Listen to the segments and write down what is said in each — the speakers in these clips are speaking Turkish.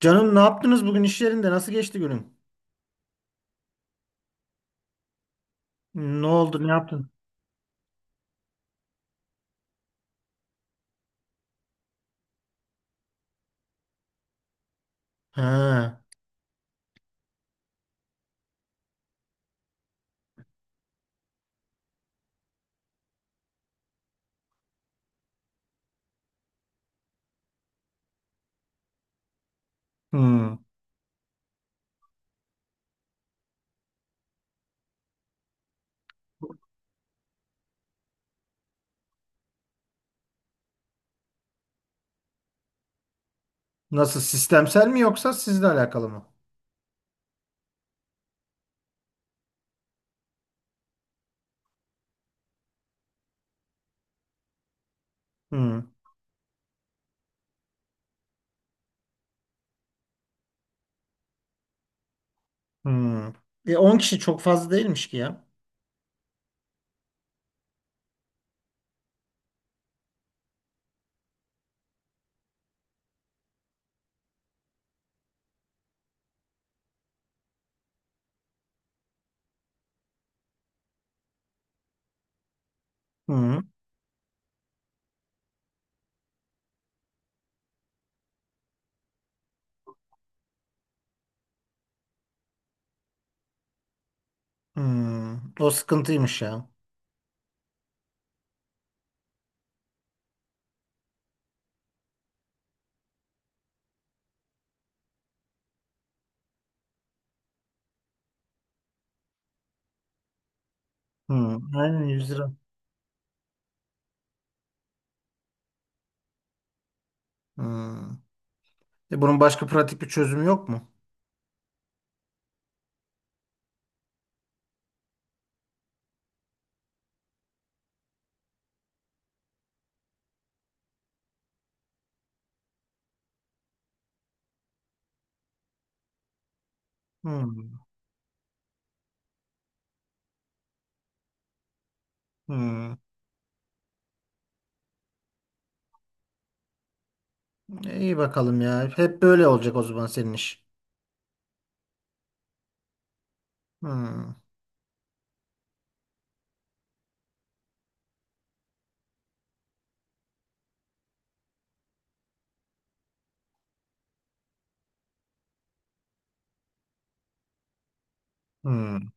Canım ne yaptınız bugün iş yerinde? Nasıl geçti günün? Ne oldu? Ne yaptın? Ha. Hmm. Nasıl? Sistemsel mi yoksa sizle alakalı mı? Hmm. Hmm. 10 kişi çok fazla değilmiş ki ya. Hmm. Hmm. O sıkıntıymış ya. Hmm. Aynen, 100 lira. Hmm. Bunun başka pratik bir çözümü yok mu? Hmm. Hmm. İyi bakalım ya. Hep böyle olacak o zaman senin iş. Hmm. Hmm.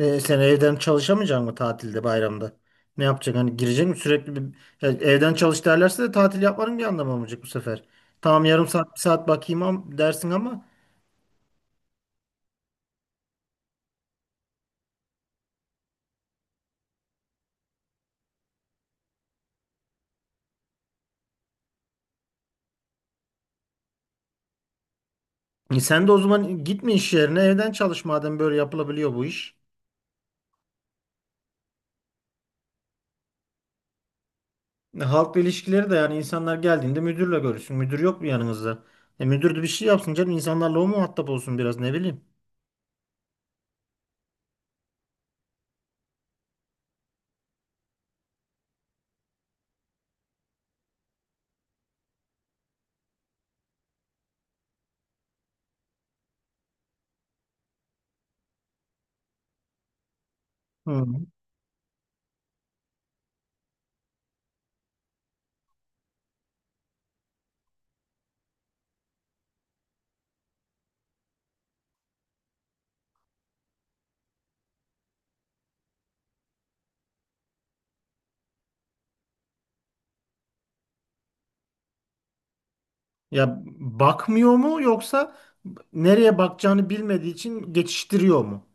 Sen evden çalışamayacaksın mı tatilde bayramda? Ne yapacaksın? Hani girecek mi sürekli bir? Ya evden çalış derlerse de tatil yapmanın bir anlamı olmayacak bu sefer. Tamam, yarım saat bir saat bakayım dersin ama sen de o zaman gitme iş yerine, evden çalış madem böyle yapılabiliyor bu iş. Halkla ilişkileri de, yani insanlar geldiğinde müdürle görüşsün. Müdür yok mu yanınızda? Müdür de bir şey yapsın canım, insanlarla o muhatap olsun biraz, ne bileyim. Hı. Ya bakmıyor mu yoksa nereye bakacağını bilmediği için geçiştiriyor mu?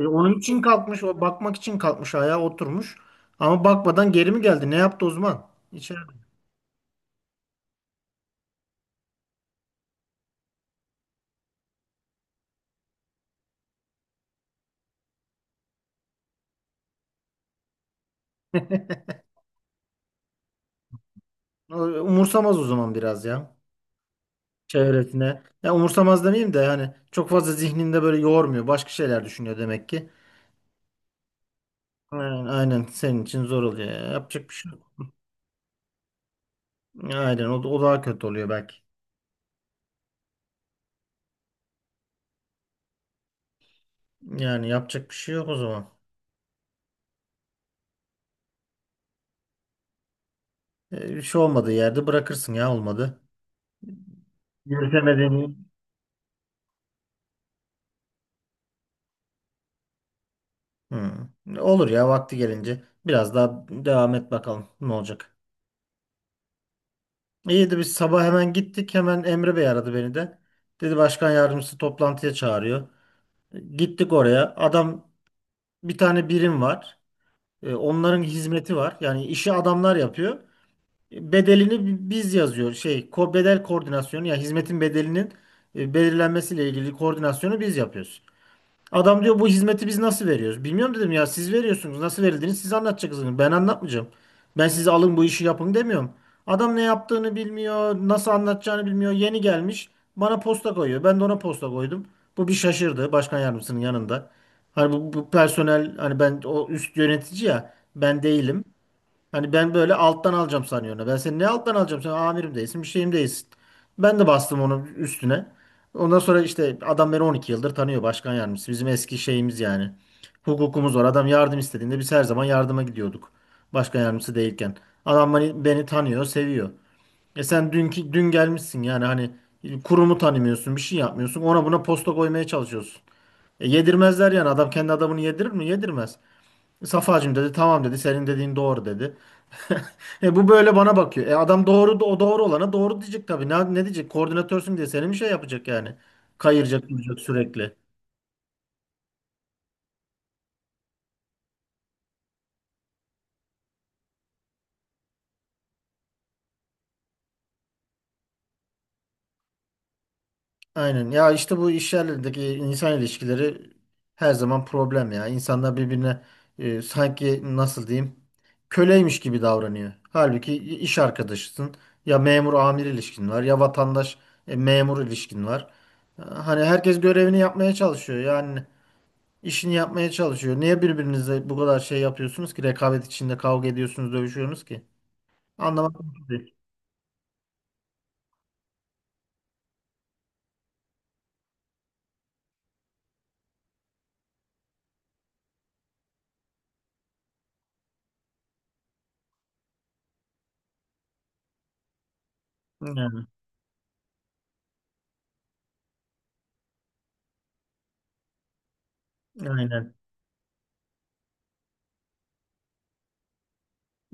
Onun için kalkmış, o bakmak için kalkmış ayağa, oturmuş. Ama bakmadan geri mi geldi? Ne yaptı Osman? İçeride. O, umursamaz o zaman biraz ya. Çevresine. Ya umursamaz demeyeyim de, yani çok fazla zihninde böyle yormuyor. Başka şeyler düşünüyor demek ki. Aynen, aynen, senin için zor oluyor ya. Yapacak bir şey yok. Aynen, o daha kötü oluyor belki. Yani yapacak bir şey yok o zaman. Bir şey olmadığı yerde bırakırsın ya olmadı. Yürütemediğini. Hı. Olur ya, vakti gelince. Biraz daha devam et bakalım ne olacak. İyiydi, biz sabah hemen gittik. Hemen Emre Bey aradı beni de. Dedi başkan yardımcısı toplantıya çağırıyor. Gittik oraya. Adam, bir tane birim var. Onların hizmeti var. Yani işi adamlar yapıyor. Bedelini biz yazıyor. Bedel koordinasyonu, ya hizmetin bedelinin belirlenmesiyle ilgili koordinasyonu biz yapıyoruz. Adam diyor bu hizmeti biz nasıl veriyoruz? Bilmiyorum dedim, ya siz veriyorsunuz. Nasıl verildiğini siz anlatacaksınız. Ben anlatmayacağım. Ben size alın bu işi yapın demiyorum. Adam ne yaptığını bilmiyor. Nasıl anlatacağını bilmiyor. Yeni gelmiş. Bana posta koyuyor. Ben de ona posta koydum. Bu bir şaşırdı başkan yardımcısının yanında. Hani bu personel, hani ben o üst yönetici ya, ben değilim. Hani ben böyle alttan alacağım sanıyorum. Ben seni ne alttan alacağım? Sen amirim değilsin, bir şeyim değilsin. Ben de bastım onun üstüne. Ondan sonra işte adam beni 12 yıldır tanıyor, başkan yardımcısı. Bizim eski şeyimiz yani. Hukukumuz var. Adam yardım istediğinde biz her zaman yardıma gidiyorduk. Başkan yardımcısı değilken. Adam beni tanıyor, seviyor. E sen dünkü dün gelmişsin, yani hani kurumu tanımıyorsun, bir şey yapmıyorsun. Ona buna posta koymaya çalışıyorsun. E yedirmezler, yani adam kendi adamını yedirir mi? Yedirmez. Safacığım dedi, tamam dedi, senin dediğin doğru dedi. E bu böyle bana bakıyor. E adam doğru, o doğru olana doğru diyecek tabii. Ne diyecek? Koordinatörsün diye seni mi şey yapacak yani? Kayıracak duracak sürekli. Aynen. Ya işte bu iş yerlerindeki insan ilişkileri her zaman problem ya. İnsanlar birbirine sanki, nasıl diyeyim, köleymiş gibi davranıyor. Halbuki iş arkadaşısın. Ya memur amir ilişkin var, ya vatandaş memur ilişkin var. Hani herkes görevini yapmaya çalışıyor yani. İşini yapmaya çalışıyor. Niye birbirinizle bu kadar şey yapıyorsunuz ki? Rekabet içinde kavga ediyorsunuz, dövüşüyorsunuz ki? Anlamak mümkün değil. Yani, aynen.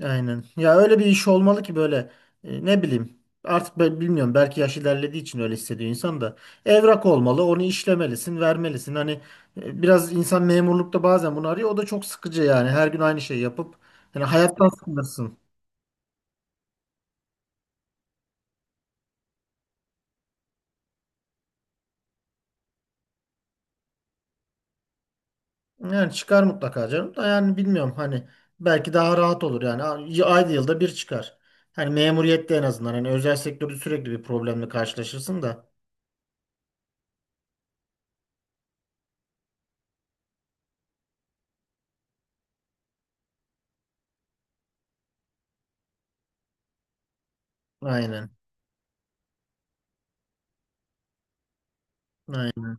Aynen. Ya öyle bir iş olmalı ki, böyle, ne bileyim. Artık ben bilmiyorum. Belki yaş ilerlediği için öyle hissediyor insan da. Evrak olmalı. Onu işlemelisin, vermelisin. Hani biraz insan memurlukta bazen bunu arıyor. O da çok sıkıcı yani. Her gün aynı şeyi yapıp hani, hayattan sıkılırsın. Yani çıkar mutlaka canım da, yani bilmiyorum hani, belki daha rahat olur yani. Ayda yılda bir çıkar. Hani memuriyette en azından, hani özel sektörde sürekli bir problemle karşılaşırsın da. Aynen. Aynen.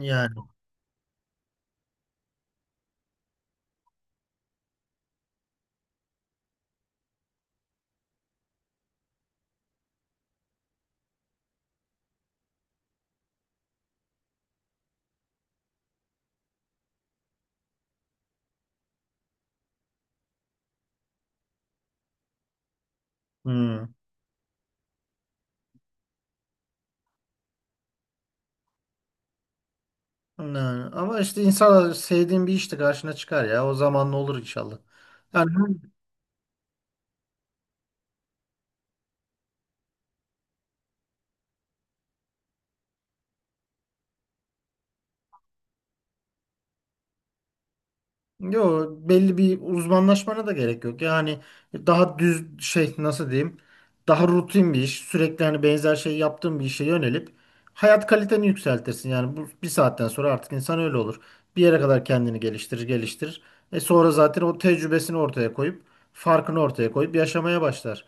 Yani. Hı. Yani. Ama işte inşallah sevdiğin bir işte karşına çıkar ya. O zaman ne olur inşallah. Yani, yo, belli bir uzmanlaşmana da gerek yok. Yani daha düz şey, nasıl diyeyim? Daha rutin bir iş, sürekli hani benzer şey yaptığın bir işe yönelip hayat kaliteni yükseltirsin. Yani bu bir saatten sonra artık insan öyle olur. Bir yere kadar kendini geliştirir, geliştirir. E sonra zaten o tecrübesini ortaya koyup, farkını ortaya koyup yaşamaya başlar.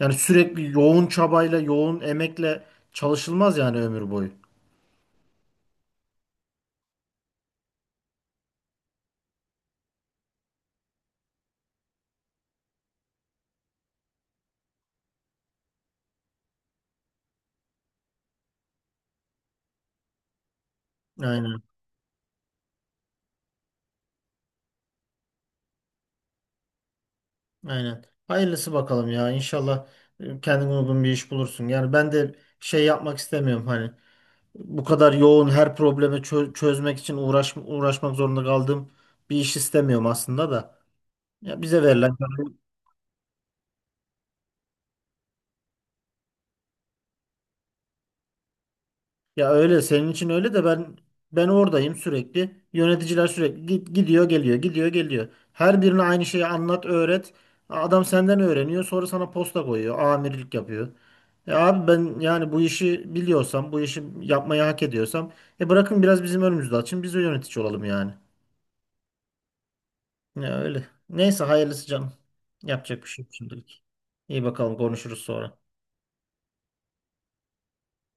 Yani sürekli yoğun çabayla, yoğun emekle çalışılmaz yani, ömür boyu. Aynen. Aynen. Hayırlısı bakalım ya. İnşallah kendine uygun bir iş bulursun. Yani ben de şey yapmak istemiyorum, hani bu kadar yoğun, her problemi çözmek için uğraşmak zorunda kaldığım bir iş istemiyorum aslında da. Ya bize verilen. Ya öyle senin için, öyle de ben, oradayım sürekli. Yöneticiler sürekli git, gidiyor geliyor gidiyor geliyor. Her birine aynı şeyi anlat öğret. Adam senden öğreniyor, sonra sana posta koyuyor. Amirlik yapıyor. Ya abi ben, yani bu işi biliyorsam, bu işi yapmayı hak ediyorsam e bırakın biraz bizim önümüzde açın, biz de yönetici olalım yani. Ya öyle. Neyse, hayırlısı canım. Yapacak bir şey yok şimdilik. İyi bakalım, konuşuruz sonra.